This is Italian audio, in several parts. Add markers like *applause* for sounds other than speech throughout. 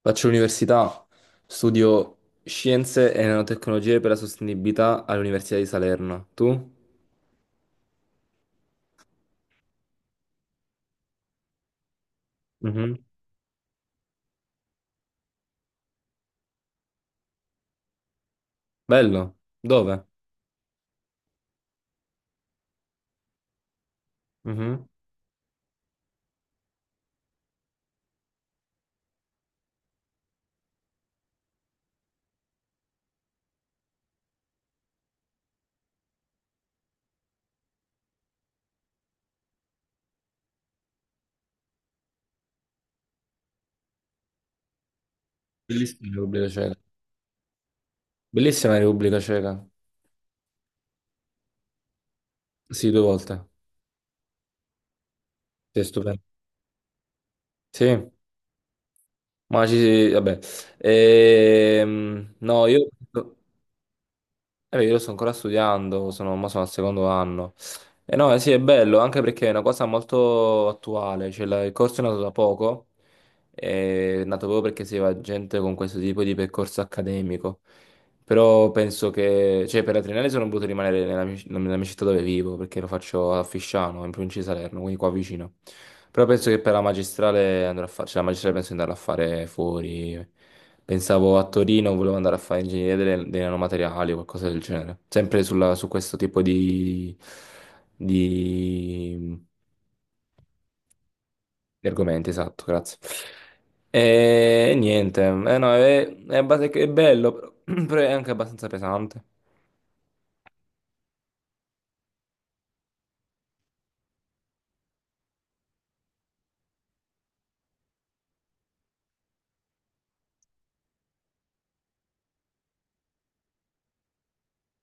Faccio l'università, studio Scienze e Nanotecnologie per la Sostenibilità all'Università di Salerno. Tu? Mhm. Bello. Dove? Mhm. Bellissima la Repubblica Ceca. Bellissima la Repubblica Ceca. Sì, due volte. Sì, stupendo. Sì, ma ci... vabbè. No, io... beh, io lo sto ancora studiando, sono, ma sono al secondo anno. E no, eh sì, è bello, anche perché è una cosa molto attuale, cioè il corso è nato da poco, è nato proprio perché si va gente con questo tipo di percorso accademico. Però penso che, cioè, per la triennale sono voluto rimanere nella mia città dove vivo, perché lo faccio a Fisciano, in provincia di Salerno, quindi qua vicino. Però penso che per la magistrale andrò a fare, cioè la magistrale penso di andare a fare fuori. Pensavo a Torino, volevo andare a fare ingegneria dei nanomateriali o qualcosa del genere. Sempre su questo tipo di, di argomenti, esatto, grazie. E niente, eh no, è è bello, però *clears throat* però è anche abbastanza pesante.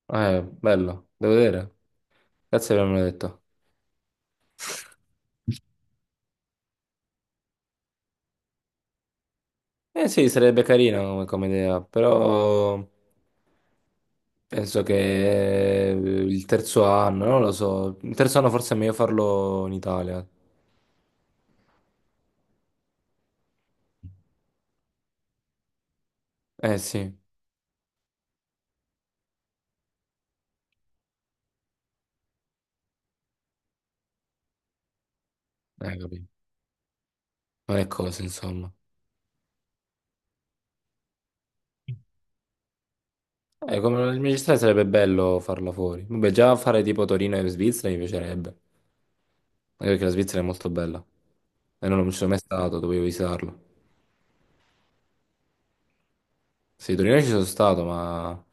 Bello, devo vedere. Grazie per avermelo detto. Eh sì, sarebbe carina come, come idea, però penso che il terzo anno, non lo so. Il terzo anno forse è meglio farlo in Italia. Eh sì, capito. Non è cosa, insomma. Come il magistrale sarebbe bello farla fuori. Vabbè, già fare tipo Torino e Svizzera mi piacerebbe. Anche perché la Svizzera è molto bella. E non ci sono mai stato, dovevo visitarlo. Sì, Torino ci sono stato, ma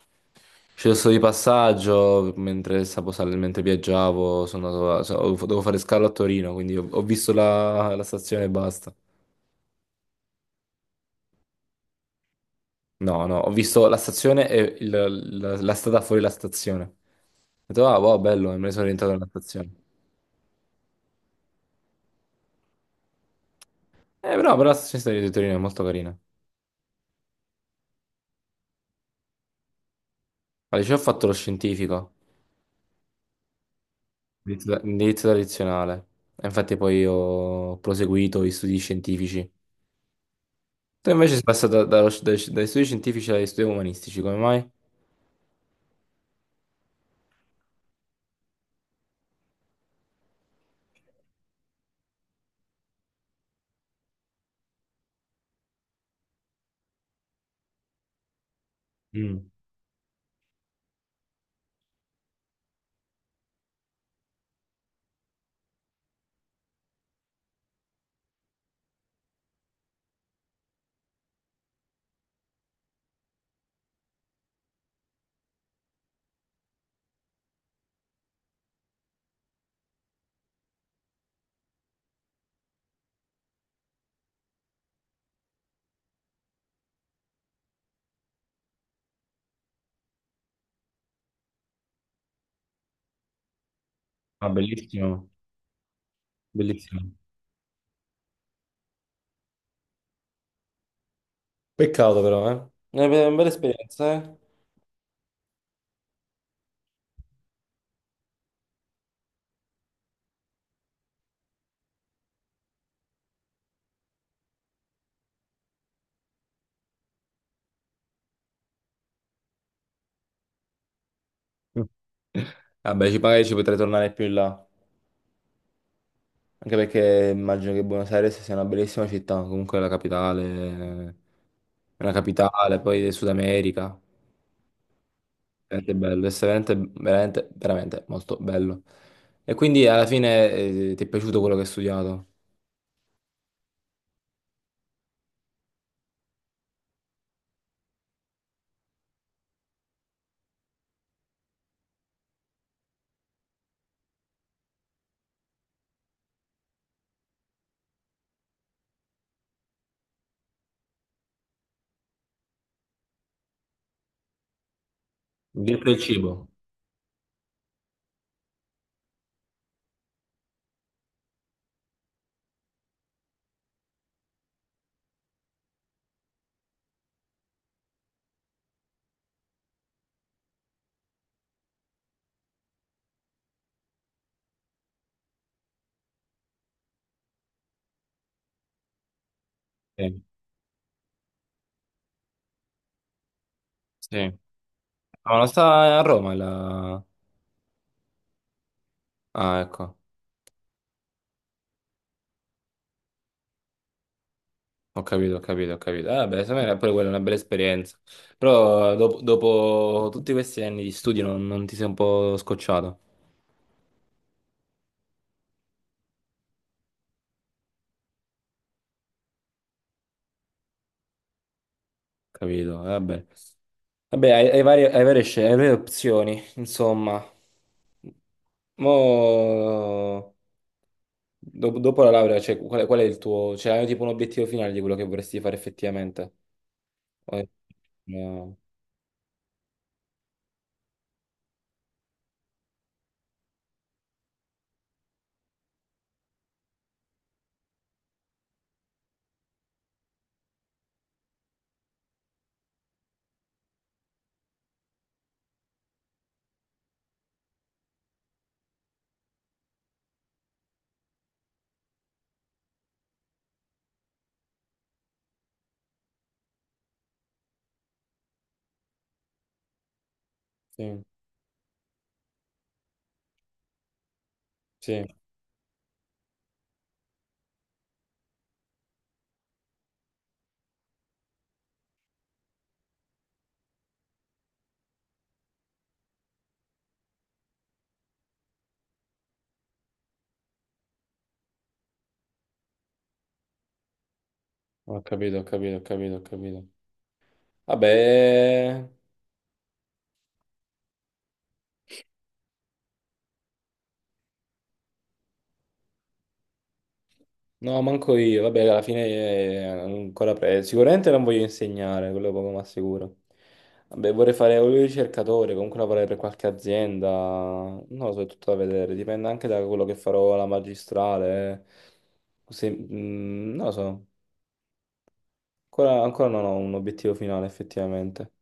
ci sono stato di passaggio mentre, mentre viaggiavo, sono andato a- so- ho- dovevo fare scalo a Torino, quindi ho, ho visto la stazione e basta. No, no, ho visto la stazione e la, la strada fuori la stazione. Ho detto, ah, wow, bello, e me ne sono rientrato nella stazione. Però, però la stazione di Torino è molto carina. Al liceo ho fatto lo scientifico, indirizzo tradizionale. E infatti poi ho proseguito gli studi scientifici. Tu invece sei passato dai, dai studi scientifici agli studi umanistici, come mai? Mm. Ah, bellissimo, bellissimo. Peccato però, eh. È una una bella esperienza, eh. Mm. *laughs* Vabbè, ci, magari ci potrei tornare più in là, anche perché immagino che Buenos Aires sia una bellissima città, comunque è la capitale, è una capitale, poi del Sud America, veramente bello, è veramente, veramente, veramente molto bello. E quindi alla fine ti è piaciuto quello che hai studiato? Dietro il cibo. Sì. Sì. Ah, non sta a Roma la... Ah, ecco, ho capito, ho capito, ho capito. Ah, beh, secondo me era pure quella una bella esperienza. Però dopo, dopo tutti questi anni di studio non, non ti sei un po' scocciato, capito? Vabbè, vabbè, hai, hai varie, hai varie hai varie opzioni, insomma. Mo... Dopo, dopo la laurea, cioè, qual è il tuo... Cioè, hai tipo un obiettivo finale di quello che vorresti fare effettivamente? O è- No. Sì, sì, ho capito, ho capito, ho capito, ho capito. Vabbè, no, manco io. Vabbè, alla fine ancora presto. Sicuramente non voglio insegnare, quello poco ma sicuro. Vabbè, vorrei fare un ricercatore, comunque lavorare per qualche azienda. Non lo so, è tutto da vedere. Dipende anche da quello che farò alla magistrale. Eh. Non lo so. Ancora, ancora non ho un obiettivo finale, effettivamente.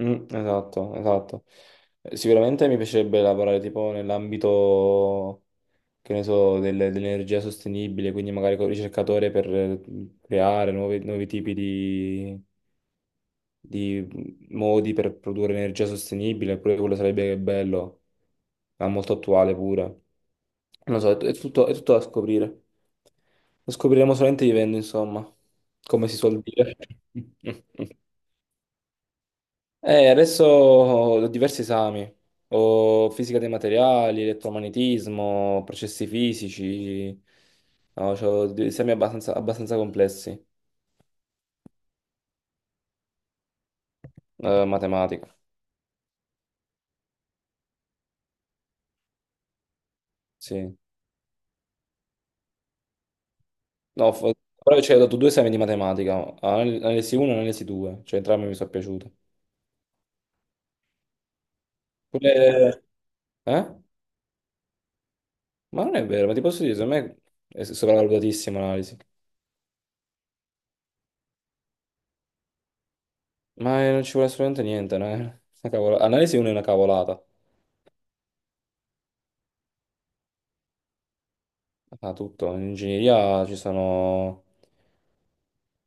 Mm, esatto, esatto. Sicuramente mi piacerebbe lavorare tipo nell'ambito. Che ne so, dell'energia sostenibile, quindi magari con il ricercatore per creare nuovi, nuovi tipi di modi per produrre energia sostenibile, pure quello sarebbe bello, ma molto attuale pure. Non lo so, è tutto da scoprire. Lo scopriremo solamente vivendo, insomma, come si suol dire. *laughs* Adesso ho diversi esami, ho fisica dei materiali, elettromagnetismo, processi fisici, no, c'ho degli esami abbastanza, abbastanza complessi, matematica, sì. No, però ci ho dato due esami di matematica, analisi 1 e analisi 2, cioè entrambi mi sono piaciute. Pure- Eh? Ma non è vero, ma ti posso dire, secondo me è sopravvalutatissima l'analisi. Ma non ci vuole assolutamente niente, no? È una analisi 1 è una cavolata. Ah, tutto. In ingegneria ci sono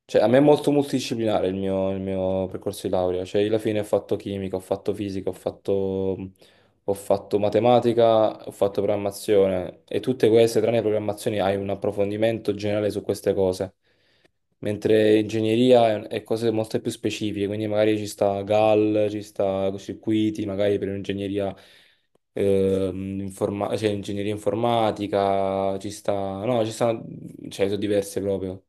cioè, a me è molto multidisciplinare il mio percorso di laurea, cioè io alla fine ho fatto chimica, ho fatto fisica, ho fatto matematica, ho fatto programmazione e tutte queste, tranne le programmazioni, hai un approfondimento generale su queste cose, mentre ingegneria è cose molto più specifiche, quindi magari ci sta GAL, ci sta circuiti, magari per un'ingegneria cioè ingegneria informatica, ci sta, no, ci stanno, cioè sono diverse proprio.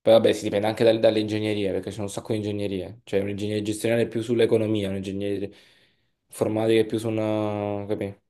Poi vabbè, si dipende anche dalle ingegnerie, perché c'è un sacco di ingegnerie. Cioè, un'ingegneria gestionale è più sull'economia, un'ingegneria informatica è più su una... capì?